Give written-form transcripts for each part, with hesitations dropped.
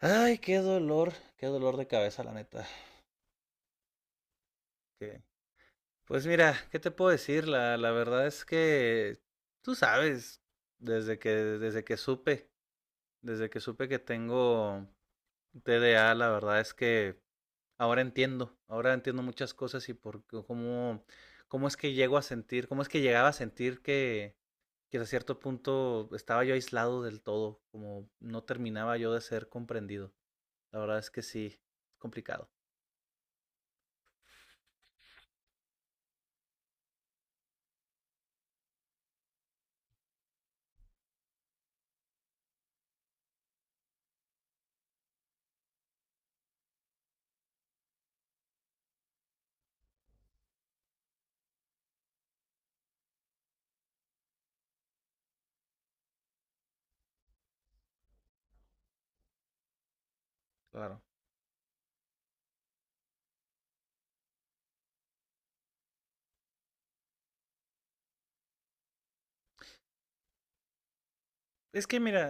Ay, qué dolor de cabeza, la neta. Que- Pues mira, ¿qué te puedo decir? La verdad es que tú sabes, desde que, desde que supe, desde que supe que tengo TDA, la verdad es que ahora entiendo muchas cosas y cómo es que llego a sentir, cómo es que llegaba a sentir que a cierto punto estaba yo aislado del todo, como no terminaba yo de ser comprendido. La verdad es que sí, es complicado. Claro. Es que mira,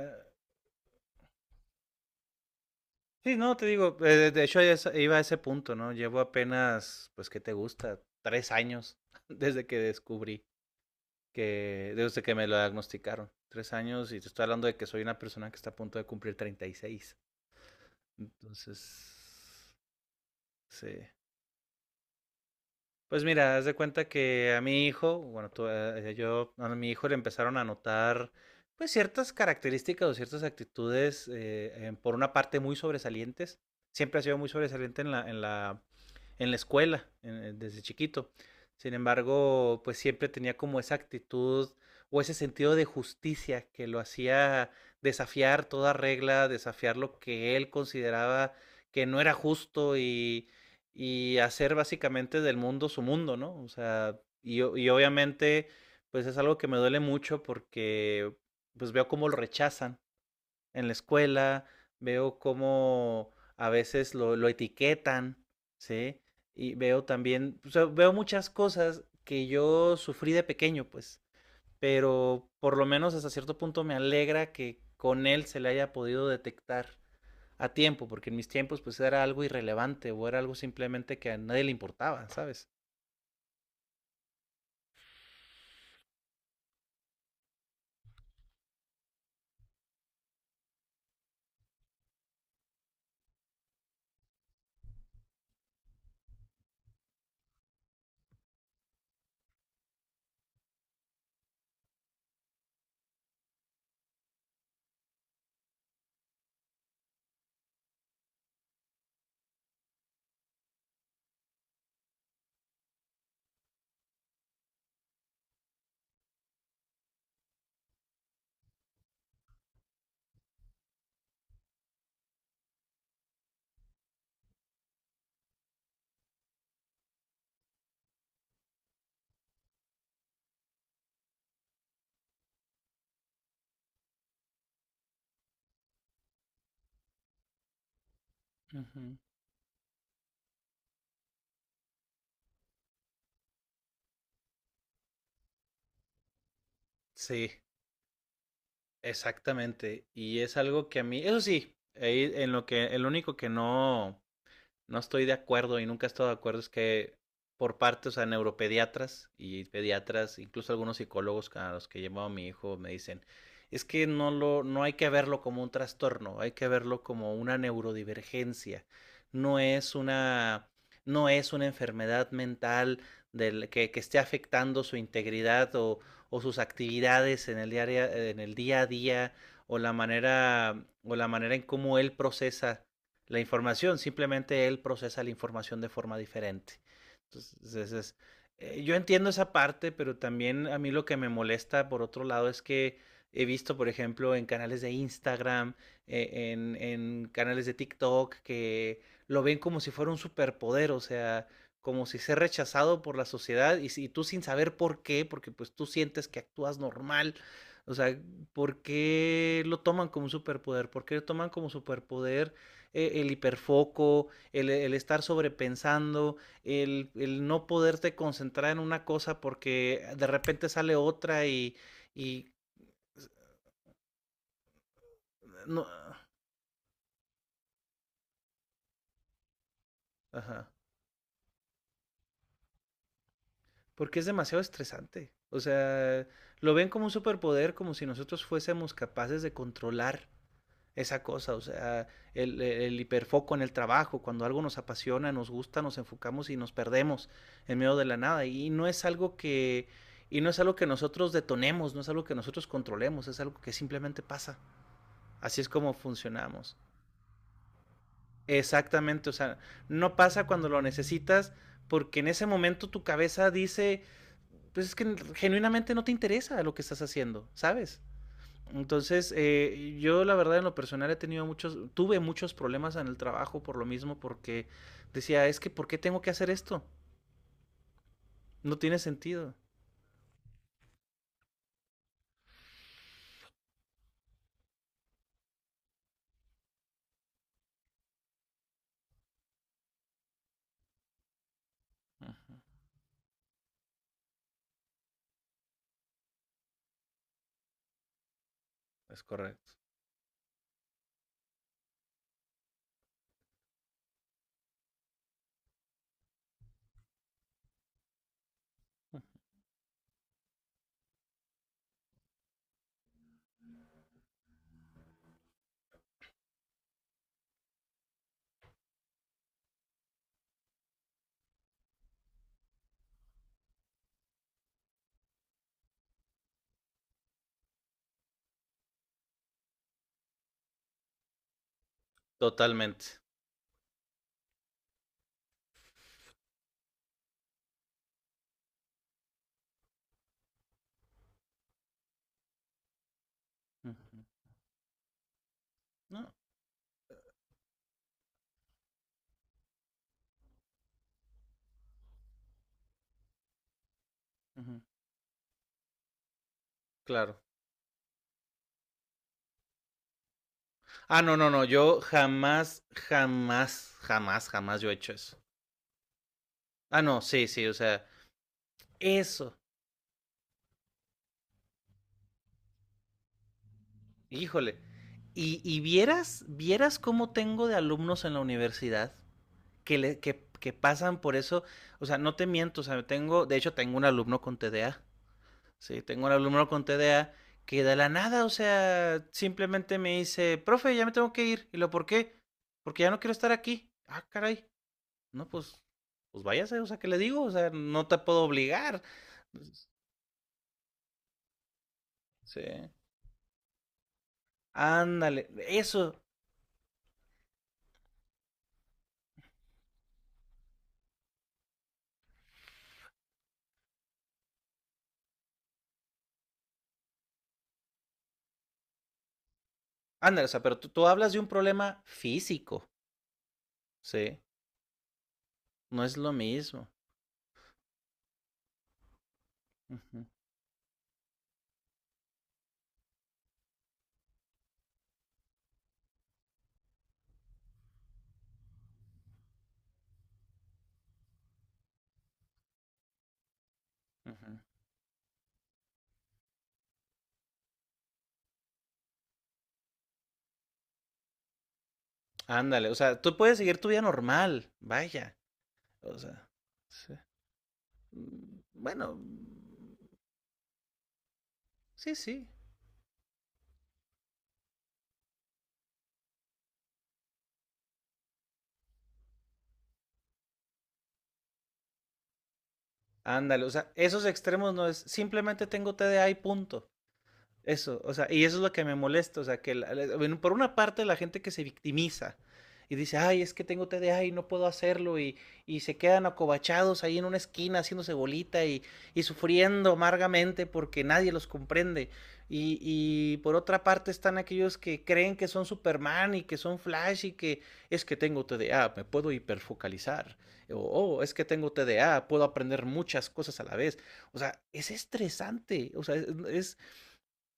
sí, no, te digo, iba a ese punto, ¿no? Llevo apenas, pues, ¿qué te gusta? 3 años desde que descubrí desde que me lo diagnosticaron. 3 años y te estoy hablando de que soy una persona que está a punto de cumplir 36. Entonces, sí. Pues mira, haz de cuenta que a mi hijo, bueno, tú, yo, a mi hijo le empezaron a notar pues ciertas características o ciertas actitudes, por una parte muy sobresalientes. Siempre ha sido muy sobresaliente en la, en la escuela, desde chiquito. Sin embargo, pues siempre tenía como esa actitud o ese sentido de justicia que lo hacía desafiar toda regla, desafiar lo que él consideraba que no era justo y hacer básicamente del mundo su mundo, ¿no? O sea, y obviamente, pues es algo que me duele mucho porque pues veo cómo lo rechazan en la escuela, veo cómo a veces lo etiquetan, ¿sí? Y veo también, o sea, veo muchas cosas que yo sufrí de pequeño, pues, pero por lo menos hasta cierto punto me alegra que con él se le haya podido detectar a tiempo, porque en mis tiempos pues era algo irrelevante o era algo simplemente que a nadie le importaba, ¿sabes? Ujú. Sí, exactamente. Y es algo que a mí, eso sí, ahí en lo que, el único que no estoy de acuerdo y nunca he estado de acuerdo es que por parte, o sea, neuropediatras y pediatras, incluso algunos psicólogos a los que he llevado a mi hijo me dicen, es que no hay que verlo como un trastorno, hay que verlo como una neurodivergencia. No es una no es una enfermedad mental que esté afectando su integridad o sus actividades en el día a día o la manera en cómo él procesa la información, simplemente él procesa la información de forma diferente. Entonces, yo entiendo esa parte, pero también a mí lo que me molesta, por otro lado, es que he visto, por ejemplo, en canales de Instagram, en canales de TikTok, que lo ven como si fuera un superpoder, o sea, como si ser rechazado por la sociedad y, si y tú sin saber por qué, porque pues tú sientes que actúas normal, o sea, ¿por qué lo toman como un superpoder? ¿Por qué lo toman como superpoder el hiperfoco, el estar sobrepensando, el no poderte concentrar en una cosa porque de repente sale otra y no, ajá, porque es demasiado estresante. O sea, lo ven como un superpoder, como si nosotros fuésemos capaces de controlar esa cosa, o sea, el hiperfoco en el trabajo, cuando algo nos apasiona, nos gusta, nos enfocamos y nos perdemos en medio de la nada. Y no es algo que nosotros detonemos, no es algo que nosotros controlemos, es algo que simplemente pasa. Así es como funcionamos. Exactamente, o sea, no pasa cuando lo necesitas, porque en ese momento tu cabeza dice, pues es que genuinamente no te interesa lo que estás haciendo, ¿sabes? Entonces, yo la verdad en lo personal he tenido muchos, tuve muchos problemas en el trabajo por lo mismo, porque decía, es que ¿por qué tengo que hacer esto? No tiene sentido. Es correcto. Totalmente. Ujú. No. Ujú. Claro. Ah, no, no, no. Yo jamás, jamás, jamás, jamás yo he hecho eso. Ah, no, sí, sí, o sea, eso. Híjole. Y vieras, vieras cómo tengo de alumnos en la universidad. Que pasan por eso. O sea, no te miento, o sea, tengo, de hecho, tengo un alumno con TDA. Sí, tengo un alumno con TDA que de la nada, o sea, simplemente me dice, profe, ya me tengo que ir. ¿Y lo por qué? Porque ya no quiero estar aquí. Ah, caray. No, pues váyase, o sea, ¿qué le digo? O sea, no te puedo obligar. Sí. Ándale, eso, ándale, o sea, pero tú hablas de un problema físico, ¿sí? No es lo mismo. Uh -huh, uh -huh. Ándale, o sea, tú puedes seguir tu vida normal, vaya. O sea, sí. Bueno, sí, sí. Ándale, o sea, esos extremos no es simplemente tengo TDA y punto. Eso, o sea, y eso es lo que me molesta, o sea, que bueno, por una parte la gente que se victimiza y dice, ay, es que tengo TDA y no puedo hacerlo, y se quedan acobachados ahí en una esquina haciéndose bolita y sufriendo amargamente porque nadie los comprende. Y por otra parte están aquellos que creen que son Superman y que son Flash y que es que tengo TDA, me puedo hiperfocalizar, o "Oh, es que tengo TDA, puedo aprender muchas cosas a la vez. O sea, es estresante, o sea, es-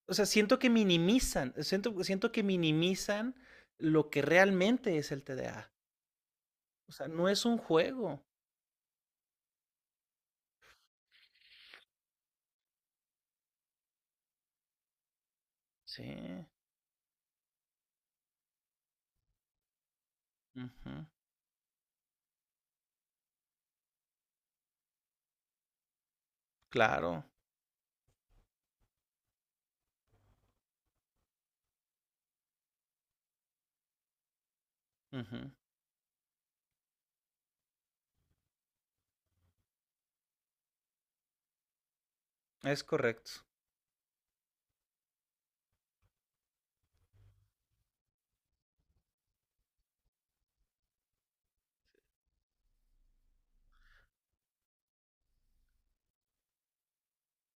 o sea, siento que minimizan, siento que minimizan lo que realmente es el TDA. O sea, no es un juego. Sí, uh -huh, claro, uh -huh, es correcto.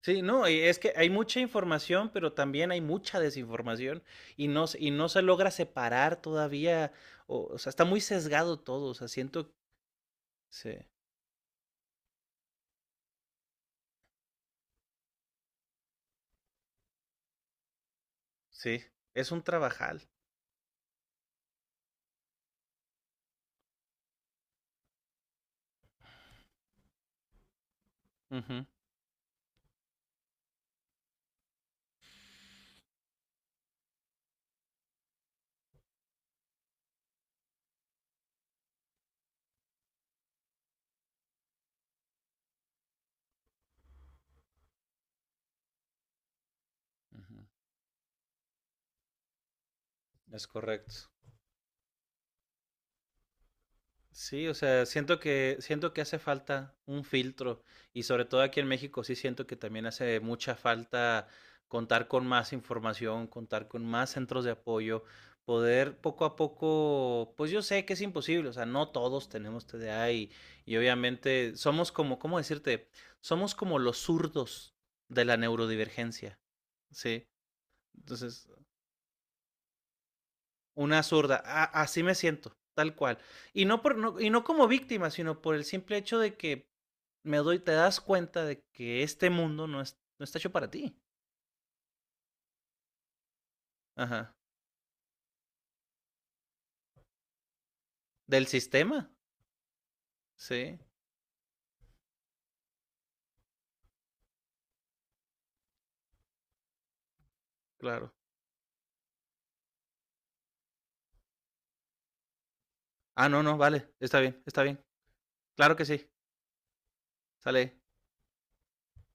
Sí, no, y es que hay mucha información, pero también hay mucha desinformación y no se logra separar todavía, o sea, está muy sesgado todo, o sea, sí, sí, es un trabajal. Uh -huh, es correcto. Sí, o sea, siento que hace falta un filtro y sobre todo aquí en México sí siento que también hace mucha falta contar con más información, contar con más centros de apoyo, poder poco a poco, pues yo sé que es imposible, o sea, no todos tenemos TDA y obviamente somos como, ¿cómo decirte? Somos como los zurdos de la neurodivergencia, ¿sí? Entonces, una zurda. Así me siento, tal cual. Y no como víctima, sino por el simple hecho de que te das cuenta de que este mundo no está hecho para ti. Ajá. Del sistema. Sí, claro. Ah, no, no, vale. Está bien, está bien. Claro que sí. Sale.